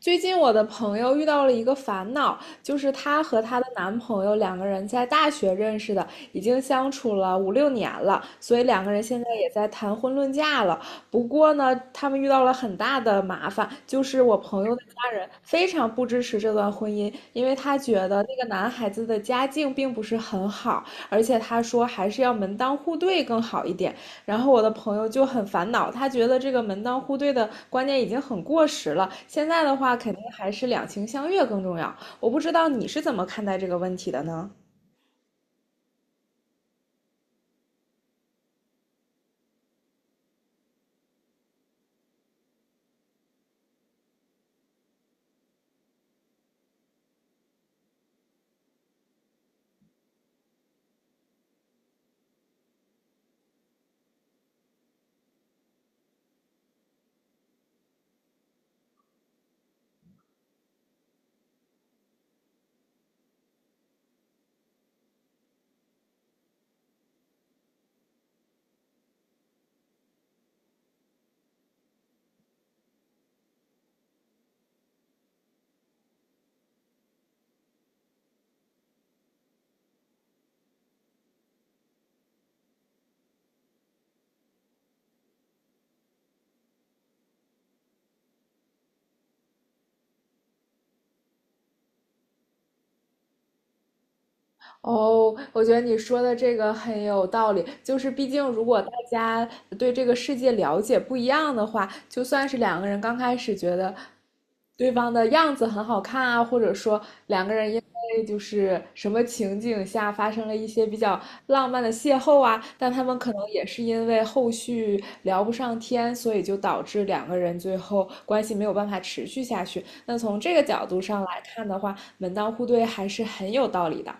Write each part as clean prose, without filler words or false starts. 最近我的朋友遇到了一个烦恼，就是她和她的男朋友两个人在大学认识的，已经相处了5、6年了，所以两个人现在也在谈婚论嫁了。不过呢，他们遇到了很大的麻烦，就是我朋友的家人非常不支持这段婚姻，因为他觉得那个男孩子的家境并不是很好，而且他说还是要门当户对更好一点。然后我的朋友就很烦恼，他觉得这个门当户对的观念已经很过时了，现在的话肯定还是两情相悦更重要。我不知道你是怎么看待这个问题的呢？哦，我觉得你说的这个很有道理。就是毕竟，如果大家对这个世界了解不一样的话，就算是两个人刚开始觉得对方的样子很好看啊，或者说两个人因为就是什么情景下发生了一些比较浪漫的邂逅啊，但他们可能也是因为后续聊不上天，所以就导致两个人最后关系没有办法持续下去。那从这个角度上来看的话，门当户对还是很有道理的。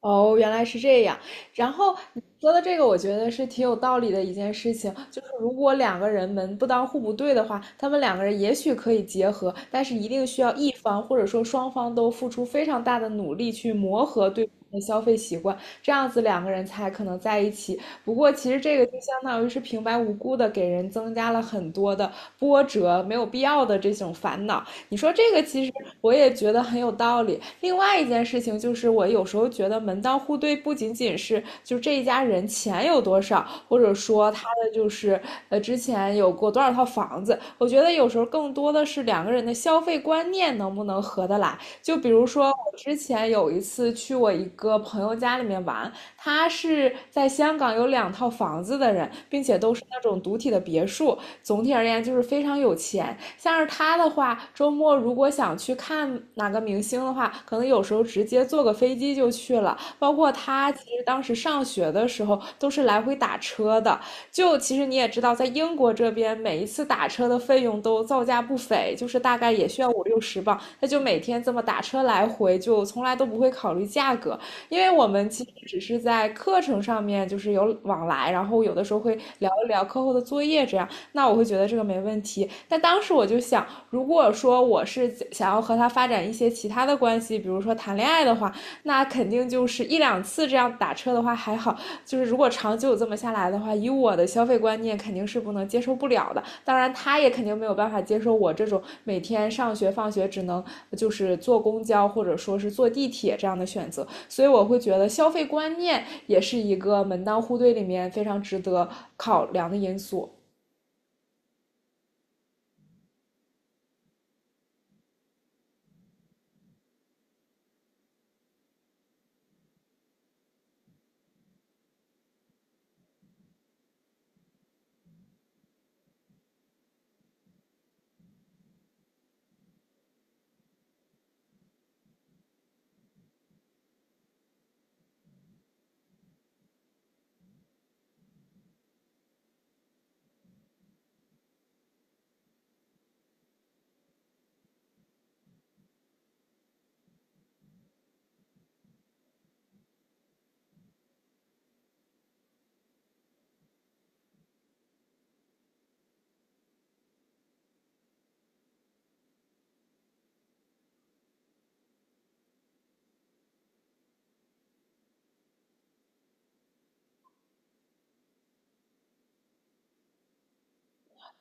哦，原来是这样。然后你说的这个，我觉得是挺有道理的一件事情。就是如果两个人门不当户不对的话，他们两个人也许可以结合，但是一定需要一方或者说双方都付出非常大的努力去磨合对方的消费习惯，这样子两个人才可能在一起。不过其实这个就相当于是平白无故的给人增加了很多的波折，没有必要的这种烦恼。你说这个其实我也觉得很有道理。另外一件事情就是，我有时候觉得门当户对不仅仅是就这一家人钱有多少，或者说他的就是之前有过多少套房子，我觉得有时候更多的是两个人的消费观念能不能合得来。就比如说我之前有一次去我一个朋友家里面玩，他是在香港有两套房子的人，并且都是那种独体的别墅，总体而言就是非常有钱。像是他的话，周末如果想去看哪个明星的话，可能有时候直接坐个飞机就去了。包括他其实当时上学的时候都是来回打车的。就其实你也知道，在英国这边，每一次打车的费用都造价不菲，就是大概也需要50、60磅。他就每天这么打车来回，就从来都不会考虑价格，因为我们其实只是在课程上面就是有往来，然后有的时候会聊一聊课后的作业这样。那我会觉得这个没问题。但当时我就想，如果说我是想要和他发展一些其他的关系，比如说谈恋爱的话，那肯定就是一两次这样打车的话还好，就是如果长久这么下来的话，以我的消费观念肯定是不能接受不了的。当然，他也肯定没有办法接受我这种每天上学放学只能就是坐公交或者说是坐地铁这样的选择。所以我会觉得消费观念也是一个门当户对里面非常值得考量的因素。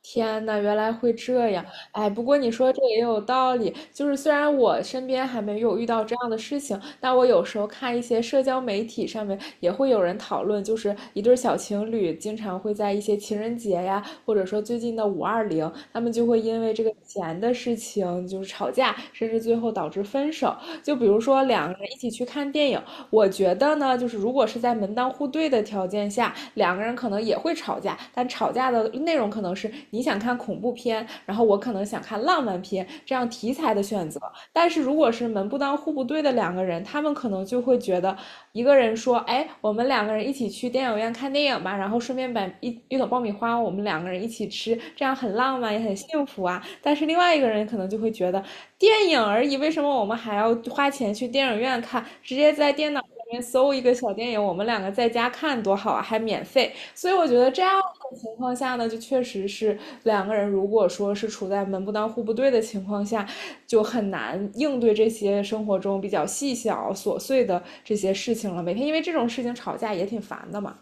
天呐，原来会这样！哎，不过你说这也有道理，就是虽然我身边还没有遇到这样的事情，但我有时候看一些社交媒体上面也会有人讨论，就是一对小情侣经常会在一些情人节呀，或者说最近的520，他们就会因为这个钱的事情就是吵架，甚至最后导致分手。就比如说两个人一起去看电影，我觉得呢，就是如果是在门当户对的条件下，两个人可能也会吵架，但吵架的内容可能是你想看恐怖片，然后我可能想看浪漫片这样题材的选择。但是如果是门不当户不对的两个人，他们可能就会觉得一个人说，哎，我们两个人一起去电影院看电影吧，然后顺便买一桶爆米花，我们两个人一起吃，这样很浪漫也很幸福啊。但是另外一个人可能就会觉得，电影而已，为什么我们还要花钱去电影院看？直接在电脑里面搜一个小电影，我们两个在家看多好啊，还免费。所以我觉得这样的情况下呢，就确实是两个人如果说是处在门不当户不对的情况下，就很难应对这些生活中比较细小琐碎的这些事情了。每天因为这种事情吵架也挺烦的嘛。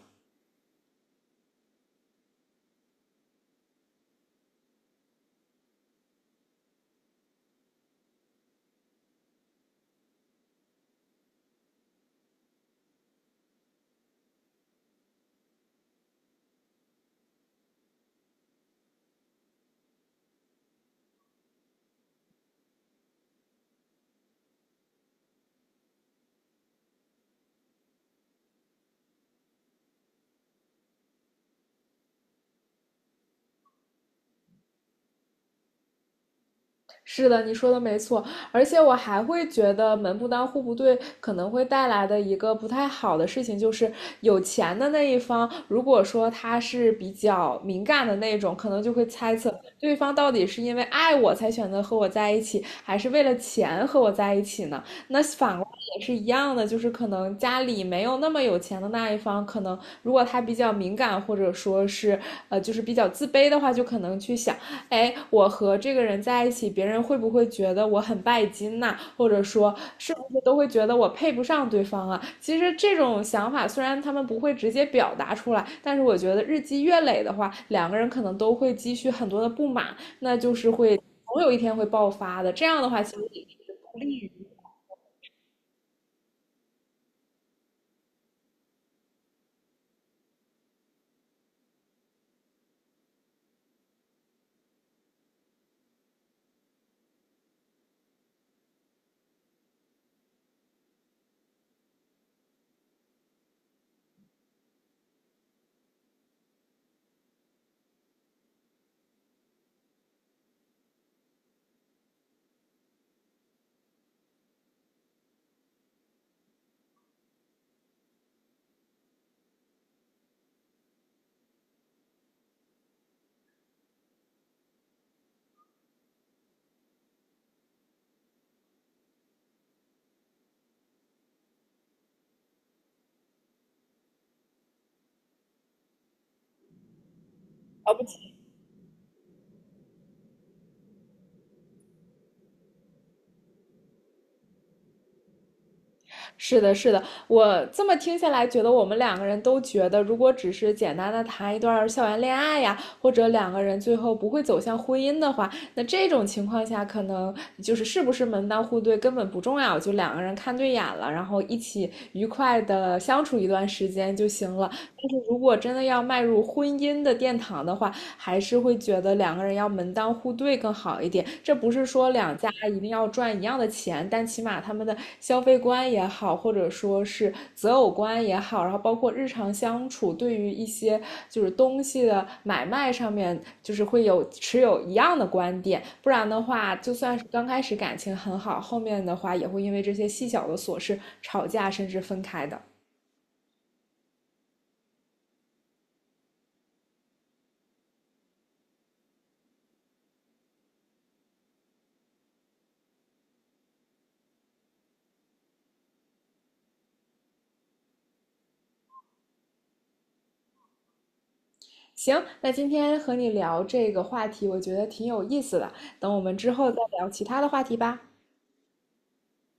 是的，你说的没错，而且我还会觉得门不当户不对可能会带来的一个不太好的事情，就是有钱的那一方，如果说他是比较敏感的那种，可能就会猜测对方到底是因为爱我才选择和我在一起，还是为了钱和我在一起呢？那反过来也是一样的，就是可能家里没有那么有钱的那一方，可能如果他比较敏感，或者说是就是比较自卑的话，就可能去想。哎，我和这个人在一起，别人会不会觉得我很拜金呐、或者说，是不是都会觉得我配不上对方啊？其实这种想法虽然他们不会直接表达出来，但是我觉得日积月累的话，两个人可能都会积蓄很多的不满，总有一天会爆发的。这样的话，其实呃是的，是的，我这么听下来，觉得我们两个人都觉得，如果只是简单的谈一段校园恋爱呀，或者两个人最后不会走向婚姻的话，那这种情况下，可能就是是不是门当户对根本不重要，就两个人看对眼了，然后一起愉快的相处一段时间就行了。但是如果真的要迈入婚姻的殿堂的话，还是会觉得两个人要门当户对更好一点。这不是说两家一定要赚一样的钱，但起码他们的消费观也好，或者说是择偶观也好，然后包括日常相处，对于一些就是东西的买卖上面，就是会有持有一样的观点。不然的话，就算是刚开始感情很好，后面的话也会因为这些细小的琐事吵架，甚至分开的。行，那今天和你聊这个话题，我觉得挺有意思的。等我们之后再聊其他的话题吧。